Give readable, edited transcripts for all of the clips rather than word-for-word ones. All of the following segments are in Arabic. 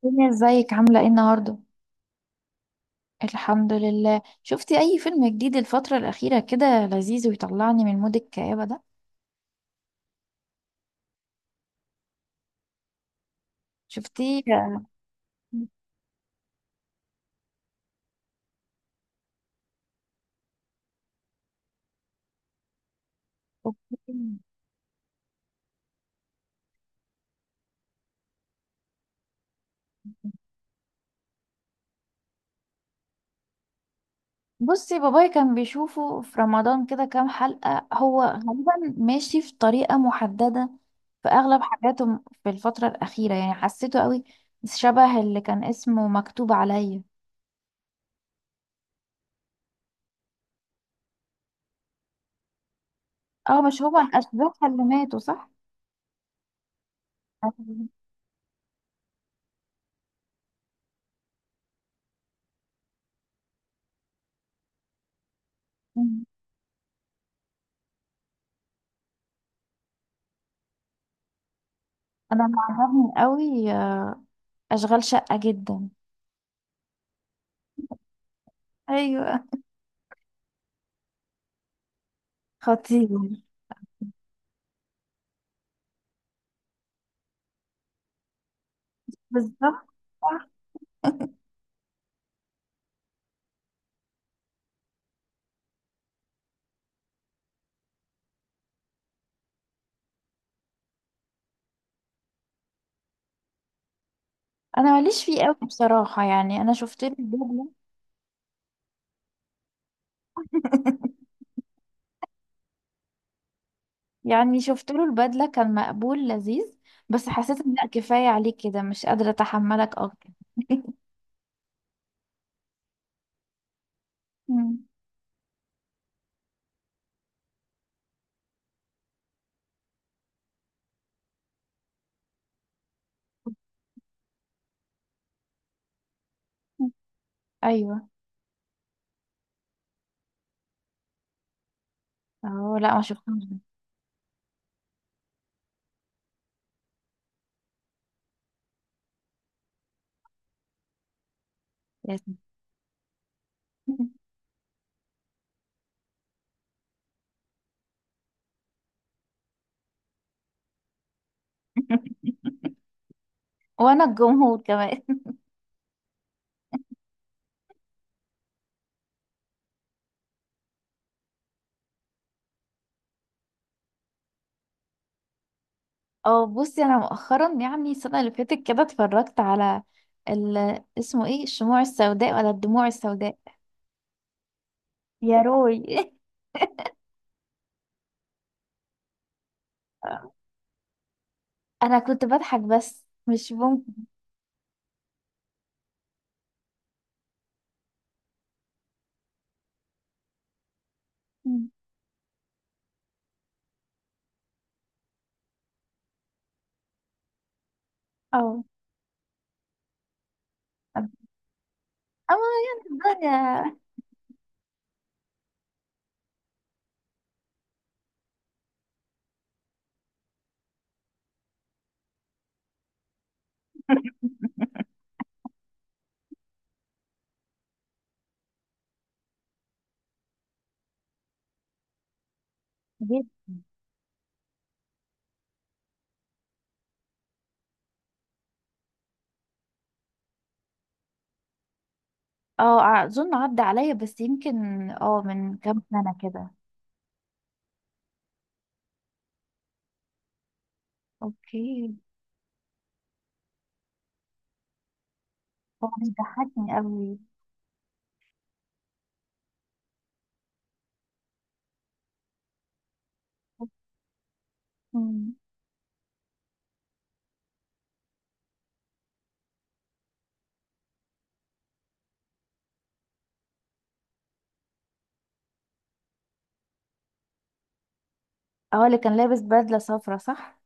فيلم ازيك عاملة ايه النهاردة؟ الحمد لله. شفتي اي فيلم جديد الفترة الأخيرة كده لذيذ ويطلعني من مود الكآبة ده؟ شفتيه؟ أوكي. بصي بابايا كان بيشوفه في رمضان كده كام حلقة، هو غالبا ماشي في طريقة محددة في أغلب حاجاته في الفترة الأخيرة، يعني حسيته قوي شبه اللي كان اسمه مكتوب عليا. اه، مش هو الأشباح اللي ماتوا صح؟ أيوة. أنا معجبني قوي، أشغال شقة جدا. ايوه. خطير. بالظبط. صح. انا ماليش فيه قوي بصراحه، يعني انا شفت له البدله. يعني شفت له البدله كان مقبول لذيذ، بس حسيت ان لا، كفايه عليك كده، مش قادره اتحملك اكتر. مم. ايوه. اه لا، ما شفتهمش ده. لازم. وانا الجمهور كمان. اه بصي، انا مؤخرا يعني السنه اللي فاتت كده اتفرجت على ال... اسمه ايه، الشموع السوداء ولا الدموع السوداء؟ يا روي. انا كنت بضحك بس مش ممكن. مم. اه اه، يعني الدنيا. جد. اه اظن عدى عليا، بس يمكن اه من كام سنة كده. اوكي. هو مش ضحكني قوي. مم. اه، اللي كان لابس بدلة صفرا صح؟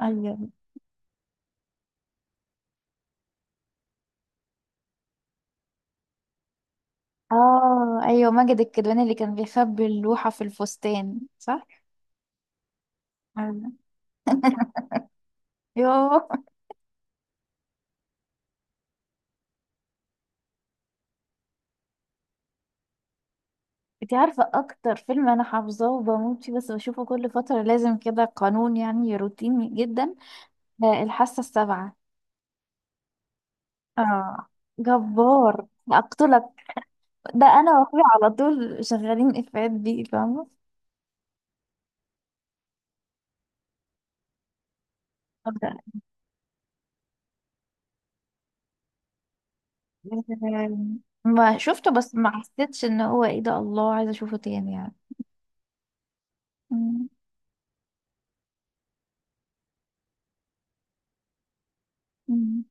ايوه. اه ايوه، ماجد الكدواني اللي كان بيخبي اللوحة في الفستان صح؟ ايوه. يوه. انت عارفة اكتر فيلم انا حافظاه وبموت فيه؟ بس بشوفه كل فترة لازم، كده قانون، يعني روتيني جدا، الحاسة السابعة. اه، جبار اقتلك، ده انا واخويا على طول شغالين افيهات بيه، فاهمة؟ طب ده ما شفته، بس ما حسيتش ان هو ايه ده، الله عايزة اشوفه تاني يعني. مم. مم.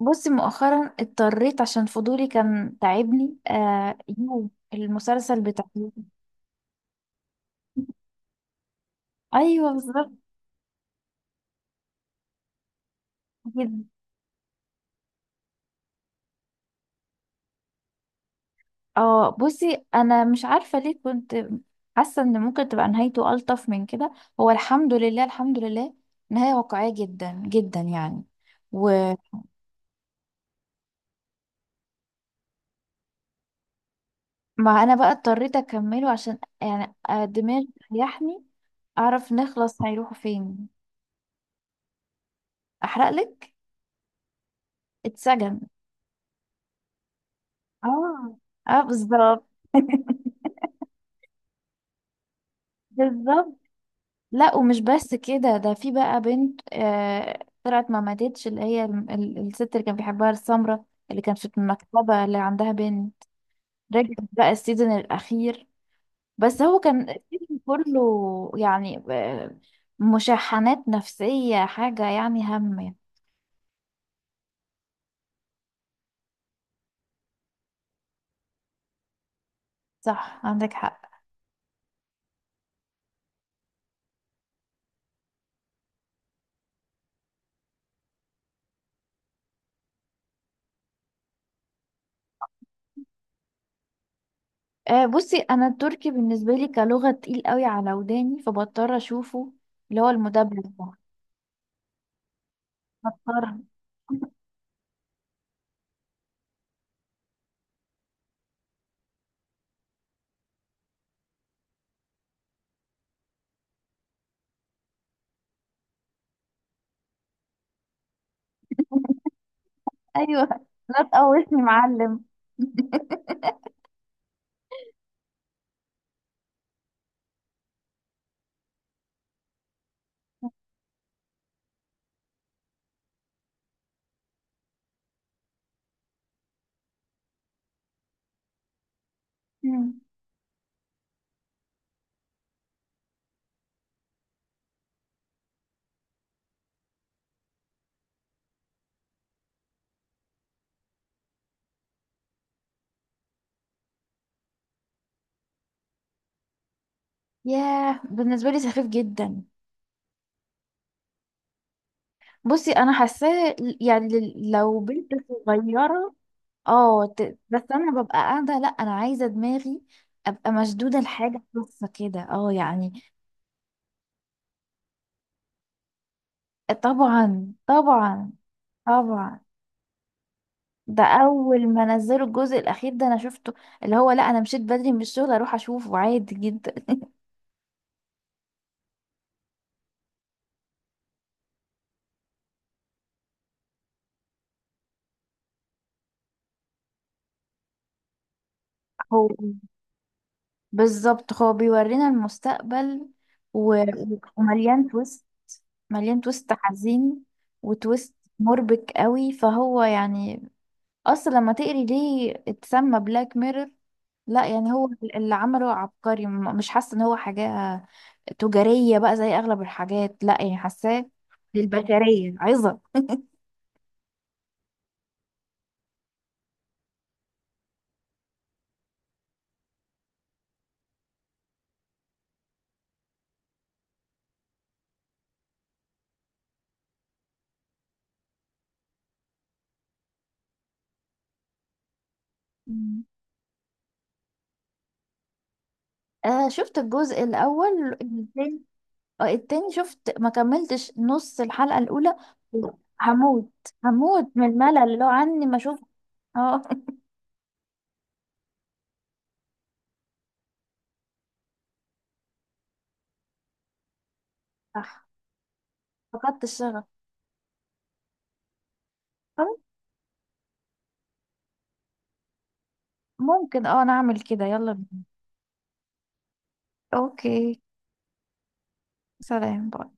بصي مؤخرا اضطريت عشان فضولي كان تعبني، يو، المسلسل بتاع يو. ايوه بالظبط. اه بصي انا مش عارفه ليه، كنت حاسه ان ممكن تبقى نهايته الطف من كده. هو الحمد لله، الحمد لله، نهايه واقعيه جدا جدا يعني، ومع. انا بقى اضطريت اكمله عشان يعني، دماغي تريحني، اعرف نخلص هيروحوا فين. احرق لك. اتسجن. اه اه بالظبط. بالظبط، لا ومش بس كده، ده في بقى بنت، طلعت ما ماتتش، اللي هي الست اللي كان بيحبها السمرة، اللي كانت في المكتبة اللي عندها بنت، رجعت بقى السيزون الأخير. بس هو كان السيزون كله، يعني مشاحنات نفسية، حاجة يعني هم يعني. صح، عندك حق. آه، بصي أنا التركي بالنسبة لي كلغة تقيل قوي على وداني، فبضطر أشوفه، اللي هو المدبلج ده، بضطر. أيوه، لا تقوصني معلم. ياه، بالنسبة لي سخيف جدا. بصي انا حاساه، يعني لو بنت صغيرة، اه، بس انا ببقى قاعدة، لا انا عايزة دماغي ابقى مشدودة لحاجة خاصة كده، اه يعني. طبعا طبعا. طبعا، ده اول ما نزلوا الجزء الاخير ده انا شفته، اللي هو لا، انا مشيت بدري من الشغل اروح اشوفه عادي جدا. هو بالظبط، هو بيورينا المستقبل، و- ومليان تويست، مليان تويست حزين، وتويست مربك قوي، فهو يعني اصلا لما تقري ليه اتسمى بلاك ميرور، لا يعني هو اللي عمله عبقري، مش حاسه ان هو حاجه تجاريه بقى زي اغلب الحاجات، لا يعني حاساه للبشريه عظه. مم. آه، شفت الجزء الأول. التاني شفت، ما كملتش نص الحلقة الأولى. هموت، هموت من الملل لو عني ما أشوف. اه. صح، فقدت الشغف. ممكن، اه نعمل كده، يلا بينا. اوكي. سلام باي.